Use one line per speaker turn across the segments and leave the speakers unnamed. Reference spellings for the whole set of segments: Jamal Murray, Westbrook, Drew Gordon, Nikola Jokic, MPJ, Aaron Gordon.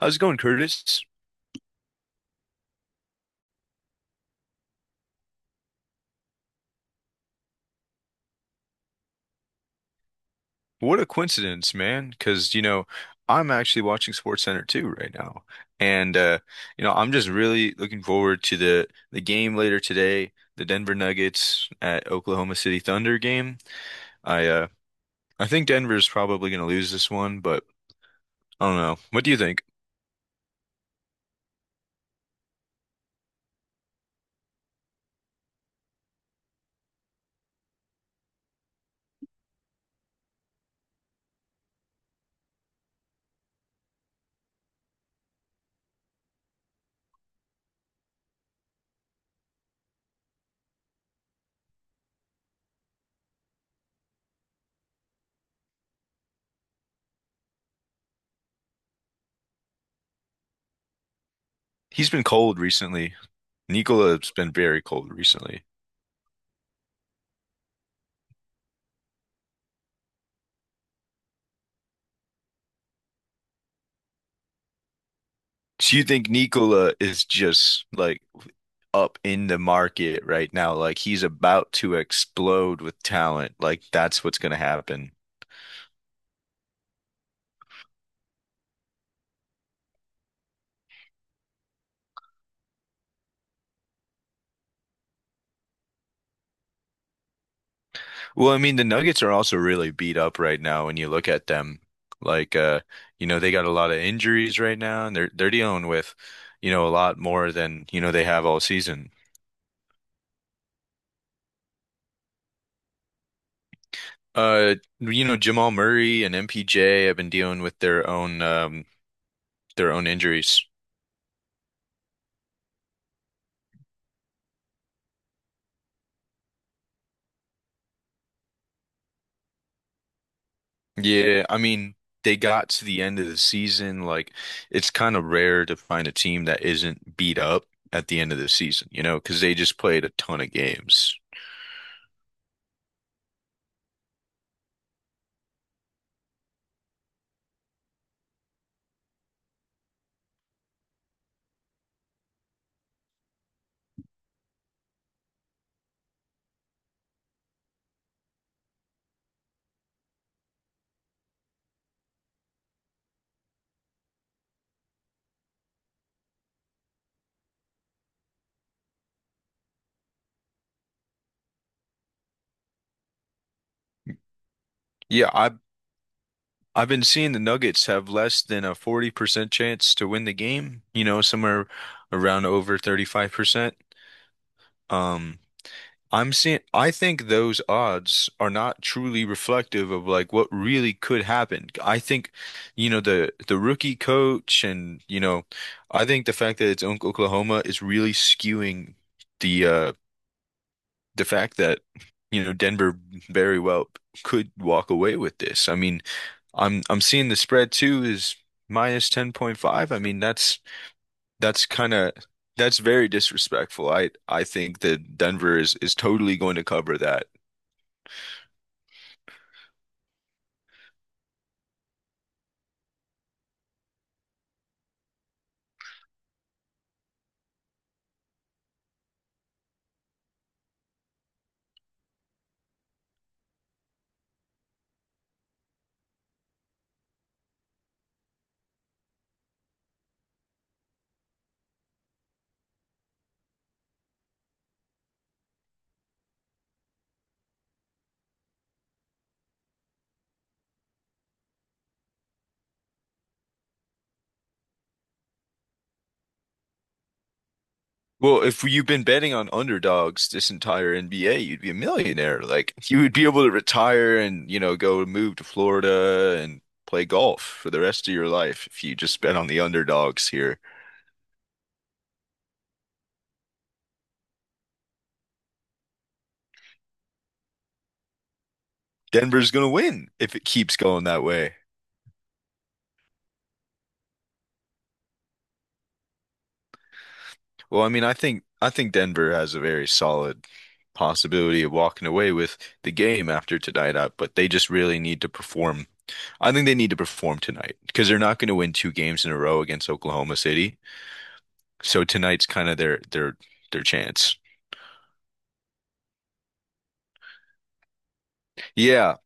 How's it going, Curtis? What a coincidence, man. Because, you know, I'm actually watching SportsCenter too right now. And I'm just really looking forward to the game later today, the Denver Nuggets at Oklahoma City Thunder game. I uh I think Denver's probably gonna lose this one, but I don't know. What do you think? He's been cold recently. Nikola's been very cold recently. Do you think Nikola is just like up in the market right now? Like he's about to explode with talent. Like that's what's going to happen. Well, I mean, the Nuggets are also really beat up right now when you look at them. Like uh, they got a lot of injuries right now and they're dealing with a lot more than, they have all season. Jamal Murray and MPJ have been dealing with their own their own injuries. Yeah, I mean, they got to the end of the season. Like, it's kind of rare to find a team that isn't beat up at the end of the season, you know, because they just played a ton of games. Yeah, I've been seeing the Nuggets have less than a 40% chance to win the game, you know, somewhere around over 35%. Um, I'm seeing, I think those odds are not truly reflective of like what really could happen. I think, the rookie coach and, I think the fact that it's Oklahoma is really skewing the the fact that, Denver very well could walk away with this. I mean, I'm seeing the spread too is minus 10.5. I mean, that's kind of That's very disrespectful. I think that Denver is totally going to cover that. Well, if you've been betting on underdogs this entire NBA, you'd be a millionaire. Like you would be able to retire and, you know, go move to Florida and play golf for the rest of your life if you just bet on the underdogs here. Denver's gonna win if it keeps going that way. Well, I mean, I think Denver has a very solid possibility of walking away with the game after tonight up, but they just really need to perform. I think they need to perform tonight because they're not going to win two games in a row against Oklahoma City. So tonight's kind of their chance. Yeah,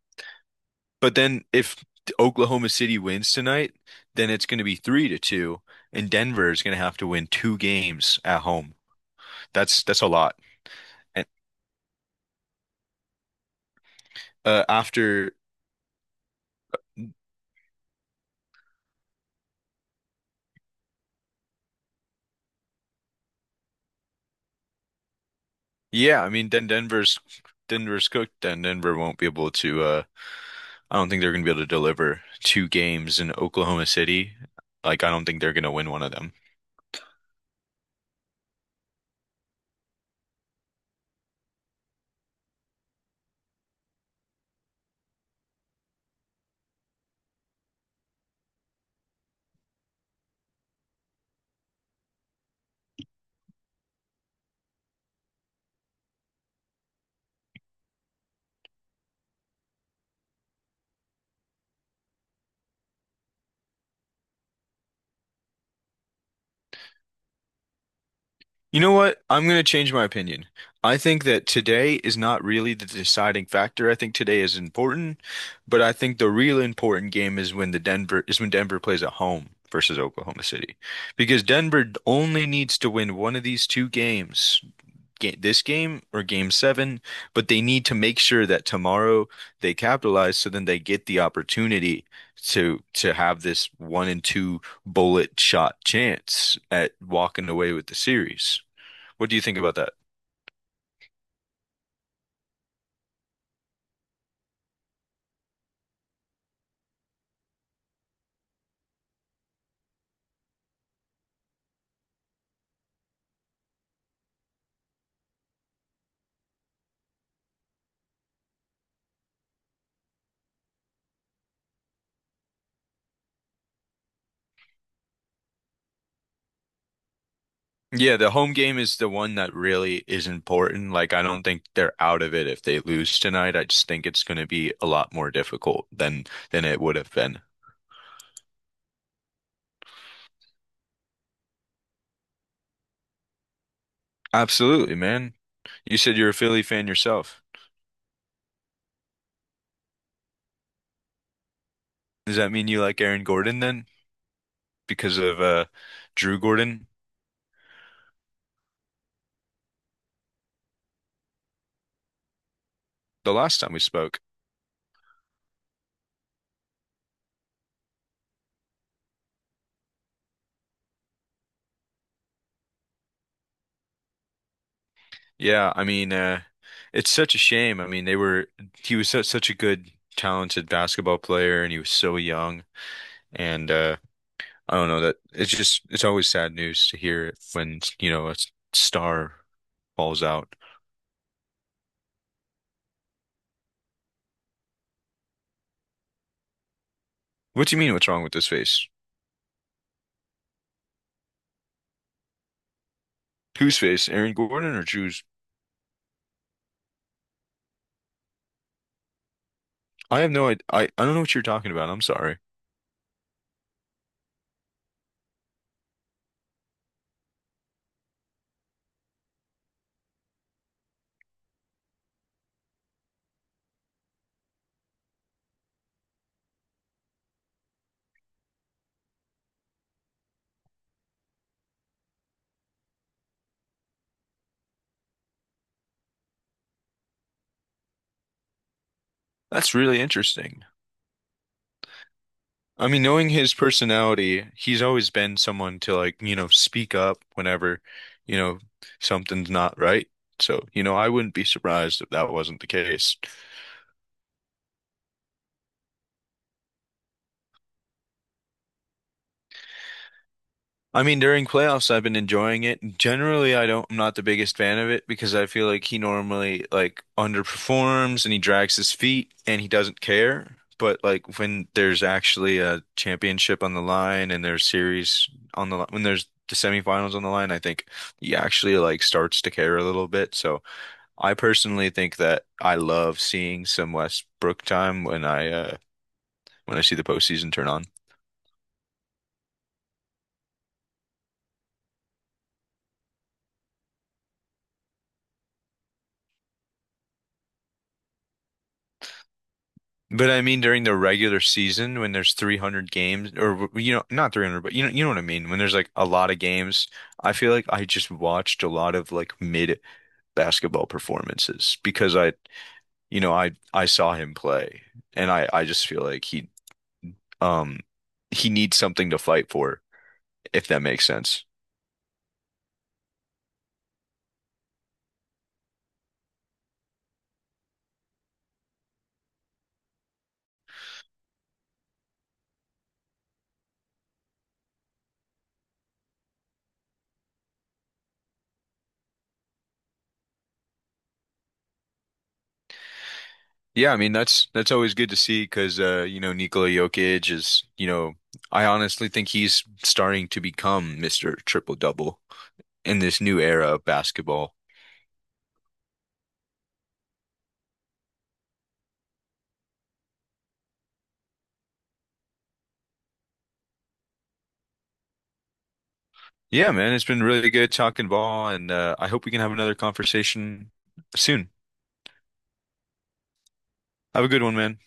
but then if Oklahoma City wins tonight, then it's going to be three to two, and Denver is going to have to win two games at home. That's a lot. And uh, after, yeah, I mean, then Denver's cooked. Then Denver won't be able to. I don't think they're going to be able to deliver two games in Oklahoma City. Like, I don't think they're going to win one of them. You know what? I'm going to change my opinion. I think that today is not really the deciding factor. I think today is important, but I think the real important game is when Denver plays at home versus Oklahoma City. Because Denver only needs to win one of these two games, this game or game seven, but they need to make sure that tomorrow they capitalize so then they get the opportunity to have this one and two bullet shot chance at walking away with the series. What do you think about that? Yeah, the home game is the one that really is important. Like, I don't think they're out of it if they lose tonight. I just think it's going to be a lot more difficult than it would have been. Absolutely, man. You said you're a Philly fan yourself. Does that mean you like Aaron Gordon then? Because of Drew Gordon the last time we spoke. Yeah, I mean, it's such a shame. I mean, they were he was such a good, talented basketball player and he was so young and I don't know that it's just it's always sad news to hear when, you know, a star falls out. What do you mean what's wrong with this face? Whose face? Aaron Gordon or Drew's? I have no idea. I don't know what you're talking about. I'm sorry. That's really interesting. I mean, knowing his personality, he's always been someone to like, you know, speak up whenever, you know, something's not right. So, you know, I wouldn't be surprised if that wasn't the case. I mean, during playoffs, I've been enjoying it. Generally, I'm not the biggest fan of it because I feel like he normally like underperforms and he drags his feet and he doesn't care. But like when there's actually a championship on the line and there's series on the line, when there's the semifinals on the line, I think he actually like starts to care a little bit. So I personally think that I love seeing some Westbrook time when I see the postseason turn on. But I mean, during the regular season, when there's 300 games, or you know, not 300, but you know what I mean. When there's like a lot of games, I feel like I just watched a lot of like mid basketball performances I saw him play, and I just feel like um, he needs something to fight for, if that makes sense. Yeah, I mean that's always good to see because you know Nikola Jokic is you know I honestly think he's starting to become Mr. Triple Double in this new era of basketball. Yeah, man, it's been really good talking ball, and I hope we can have another conversation soon. Have a good one, man.